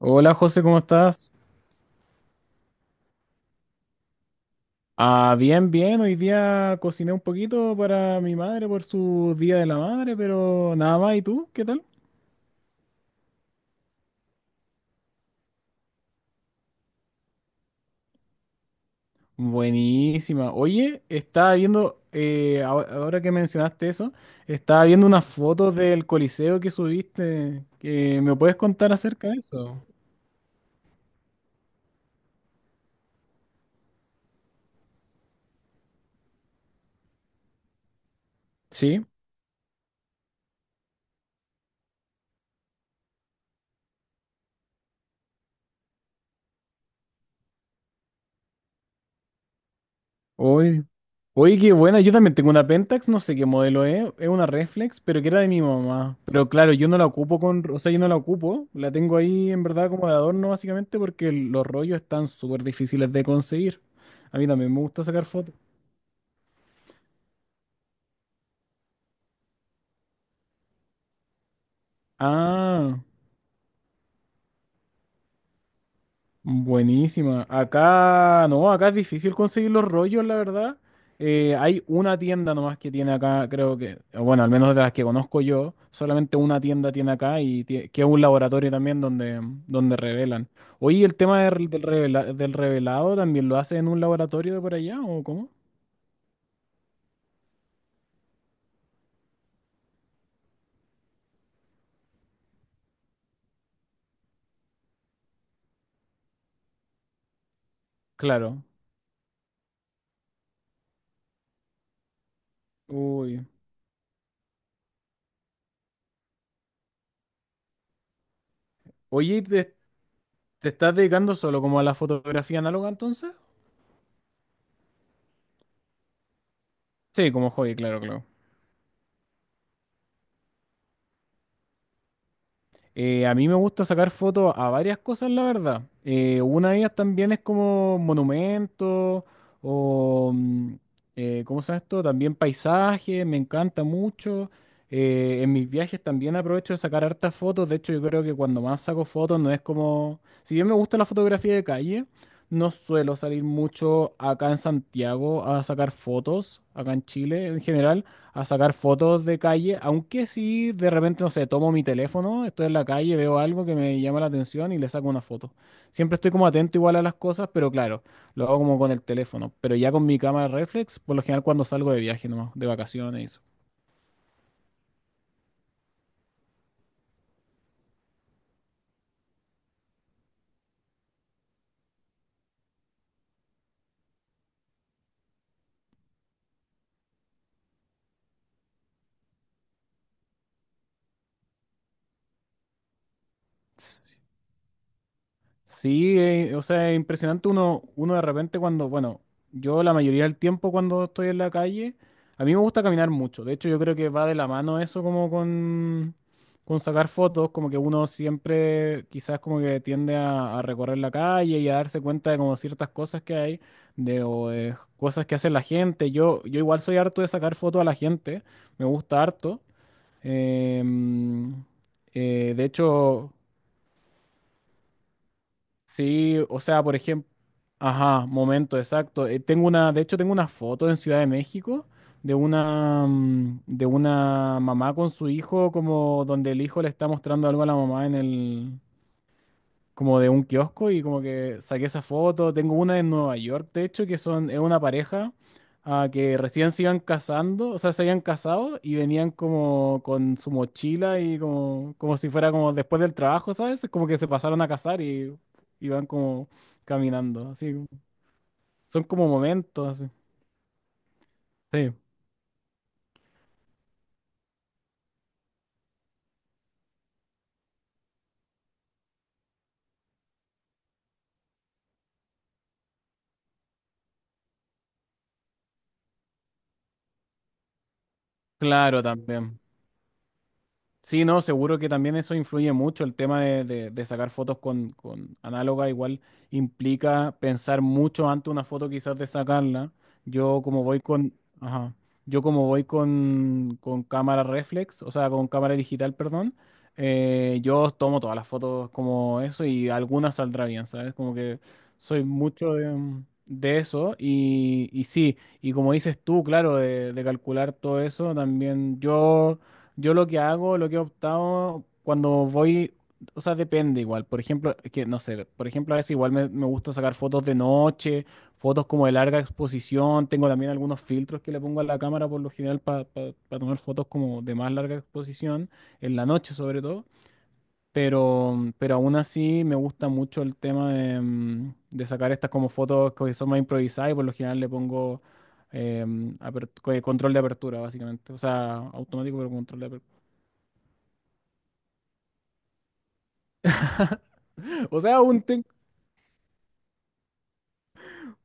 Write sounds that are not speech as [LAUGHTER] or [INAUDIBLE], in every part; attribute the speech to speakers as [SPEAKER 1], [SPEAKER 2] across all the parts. [SPEAKER 1] Hola José, ¿cómo estás? Ah, bien, bien. Hoy día cociné un poquito para mi madre por su Día de la Madre, pero nada más. ¿Y tú? ¿Qué tal? Buenísima. Oye, estaba viendo, ahora que mencionaste eso, estaba viendo unas fotos del Coliseo que subiste. Que ¿Me puedes contar acerca de eso? Sí. Oye, oye, qué buena. Yo también tengo una Pentax, no sé qué modelo es. Es una Reflex, pero que era de mi mamá. Pero claro, yo no la ocupo con, o sea, yo no la ocupo. La tengo ahí en verdad como de adorno básicamente porque los rollos están súper difíciles de conseguir. A mí también me gusta sacar fotos. Ah. Buenísima. Acá, no, acá es difícil conseguir los rollos, la verdad. Hay una tienda nomás que tiene acá, creo que, bueno, al menos de las que conozco yo, solamente una tienda tiene acá y que es un laboratorio también donde, revelan. Oye, ¿el tema del revelado también lo hacen en un laboratorio de por allá o cómo? Claro. Uy. Oye, ¿y te estás dedicando solo como a la fotografía análoga entonces? Sí, como hobby, claro, claro. A mí me gusta sacar fotos a varias cosas, la verdad. Una de ellas también es como monumentos o, ¿cómo se llama esto? También paisajes, me encanta mucho. En mis viajes también aprovecho de sacar hartas fotos. De hecho, yo creo que cuando más saco fotos no es como, si bien me gusta la fotografía de calle, no suelo salir mucho acá en Santiago a sacar fotos, acá en Chile en general a sacar fotos de calle, aunque sí de repente, no sé, tomo mi teléfono, estoy en la calle, veo algo que me llama la atención y le saco una foto. Siempre estoy como atento igual a las cosas, pero claro, lo hago como con el teléfono. Pero ya con mi cámara reflex, por lo general cuando salgo de viaje nomás, de vacaciones y eso. Sí, o sea, es impresionante uno de repente cuando, bueno, yo la mayoría del tiempo cuando estoy en la calle, a mí me gusta caminar mucho. De hecho, yo creo que va de la mano eso como con sacar fotos, como que uno siempre quizás como que tiende a recorrer la calle y a darse cuenta de como ciertas cosas que hay, de o de cosas que hace la gente. Yo igual soy harto de sacar fotos a la gente, me gusta harto. Em, de hecho. Sí, o sea, por ejemplo, ajá, momento exacto. De hecho, tengo una foto en Ciudad de México de una mamá con su hijo, como donde el hijo le está mostrando algo a la mamá en el, como de un kiosco y como que saqué esa foto. Tengo una en Nueva York, de hecho, que es una pareja que recién se iban casando, o sea, se habían casado y venían como con su mochila y como si fuera como después del trabajo, ¿sabes? Como que se pasaron a casar y iban como caminando, así. Son como momentos, así. Sí, claro, también. Sí, no, seguro que también eso influye mucho. El tema de sacar fotos con análoga igual implica pensar mucho antes una foto quizás de sacarla. Yo como voy con, ajá, yo como voy con cámara reflex, o sea, con cámara digital, perdón, yo tomo todas las fotos como eso y algunas saldrá bien, ¿sabes? Como que soy mucho de eso y sí, y como dices tú, claro, de calcular todo eso, también yo. Yo lo que hago, lo que he optado cuando voy, o sea, depende igual. Por ejemplo, es que no sé, por ejemplo, a veces igual me gusta sacar fotos de noche, fotos como de larga exposición. Tengo también algunos filtros que le pongo a la cámara por lo general para tomar fotos como de más larga exposición, en la noche sobre todo. Pero aún así me gusta mucho el tema de sacar estas como fotos que son más improvisadas y por lo general le pongo control de apertura, básicamente. O sea, automático, pero control de apertura. O sea,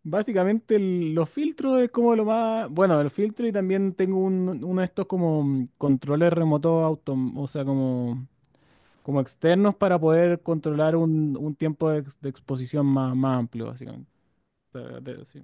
[SPEAKER 1] básicamente los filtros es como lo más, bueno, el filtro y también tengo uno de estos como controles remotos o sea, como externos para poder controlar un tiempo de exposición más amplio, básicamente. O sea, sí.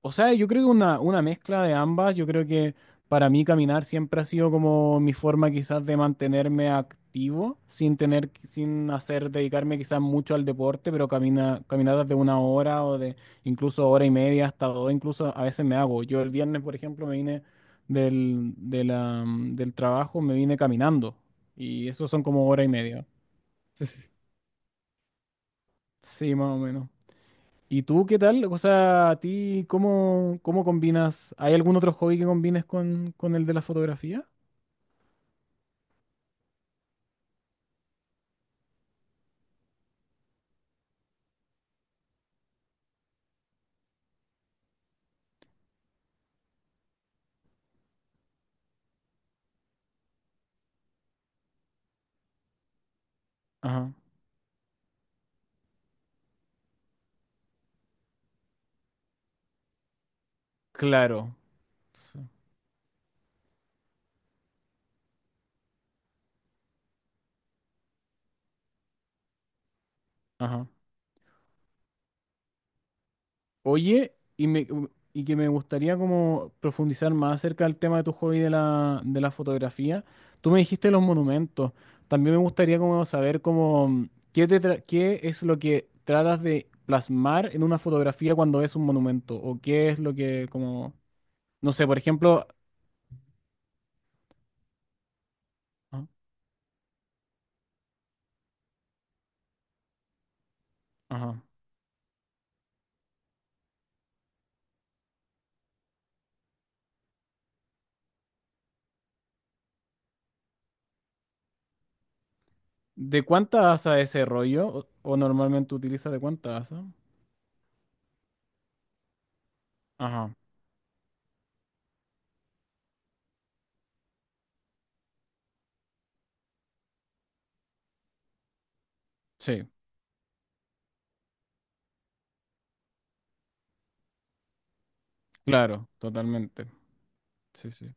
[SPEAKER 1] O sea, yo creo que una mezcla de ambas. Yo creo que para mí caminar siempre ha sido como mi forma quizás de mantenerme activo sin tener, sin hacer, dedicarme quizás mucho al deporte, pero caminadas de una hora o de incluso hora y media hasta dos, incluso a veces me hago. Yo el viernes, por ejemplo, me vine del, de la- del trabajo, me vine caminando y eso son como hora y media. [LAUGHS] Sí, más o menos. ¿Y tú qué tal? O sea, ¿a ti cómo combinas? ¿Hay algún otro hobby que combines con el de la fotografía? Ajá. Claro. Sí. Ajá. Oye, y que me gustaría como profundizar más acerca del tema de tu hobby de la fotografía. Tú me dijiste los monumentos. También me gustaría como saber cómo, qué, te tra- qué es lo que tratas de plasmar en una fotografía cuando es un monumento o qué es lo que como, no sé, por ejemplo, ah, ajá. ¿De cuánta asa ese rollo o normalmente utilizas de cuánta asa? Ajá, sí, claro, totalmente. Sí, sí.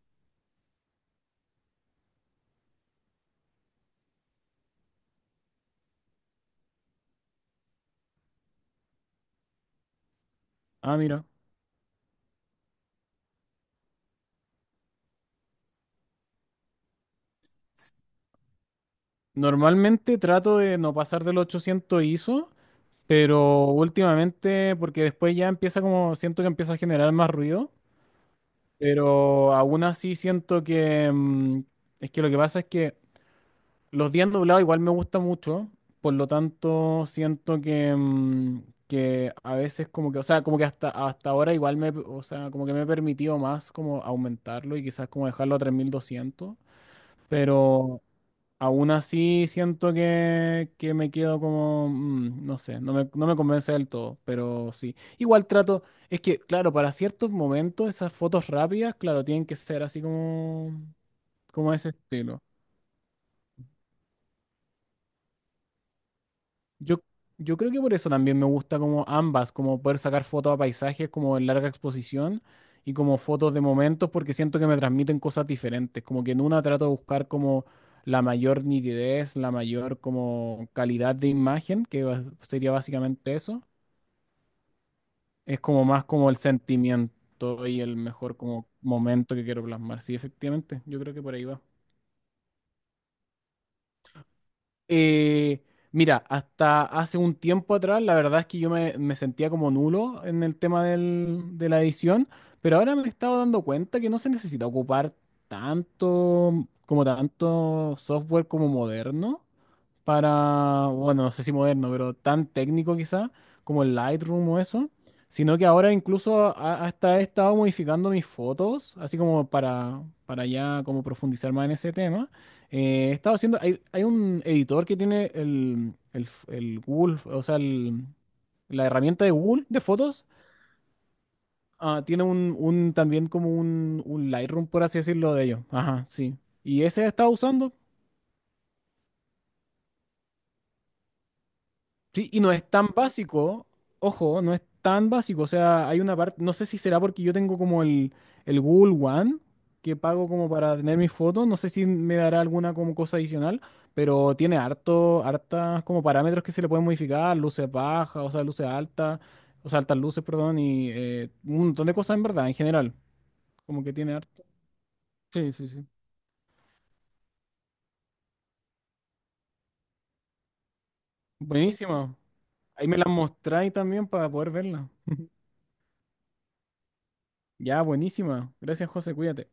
[SPEAKER 1] Ah, mira. Normalmente trato de no pasar del 800 ISO, pero últimamente, porque después ya empieza como, siento que empieza a generar más ruido, pero aún así siento que, es que lo que pasa es que los días doblados igual me gusta mucho, por lo tanto siento que, que a veces como que, o sea, como que hasta ahora igual me, o sea, como que me he permitido más como aumentarlo y quizás como dejarlo a 3.200. Pero aún así siento que me quedo como, no sé, no me convence del todo, pero sí. Igual trato, es que, claro, para ciertos momentos esas fotos rápidas, claro, tienen que ser así como ese estilo. Yo, yo creo que por eso también me gusta como ambas, como poder sacar fotos a paisajes como en larga exposición y como fotos de momentos porque siento que me transmiten cosas diferentes, como que en una trato de buscar como la mayor nitidez, la mayor como calidad de imagen, sería básicamente eso, es como más como el sentimiento y el mejor como momento que quiero plasmar. Sí, efectivamente, yo creo que por ahí va. Eh, Mira, hasta hace un tiempo atrás, la verdad es que yo me sentía como nulo en el tema de la edición, pero ahora me he estado dando cuenta que no se necesita ocupar tanto, como tanto software como moderno para, bueno, no sé si moderno, pero tan técnico quizá como el Lightroom o eso, sino que ahora incluso hasta he estado modificando mis fotos, así como para ya como profundizar más en ese tema. He estado haciendo, hay un editor que tiene el Google, o sea, la herramienta de Google de fotos, tiene también como un Lightroom, por así decirlo, de ellos. Ajá, sí. Y ese he estado usando. Sí, y no es tan básico, ojo, no es tan básico, o sea, hay una parte, no sé si será porque yo tengo como el Google One, que pago como para tener mis fotos, no sé si me dará alguna como cosa adicional, pero tiene harto, hartas como parámetros que se le pueden modificar, luces bajas, o sea, luces altas, o sea, altas luces, perdón, y un montón de cosas en verdad, en general, como que tiene harto. Sí, sí, sí. Buenísima. Ahí me las mostráis también para poder verla. [LAUGHS] Ya, buenísima. Gracias, José, cuídate.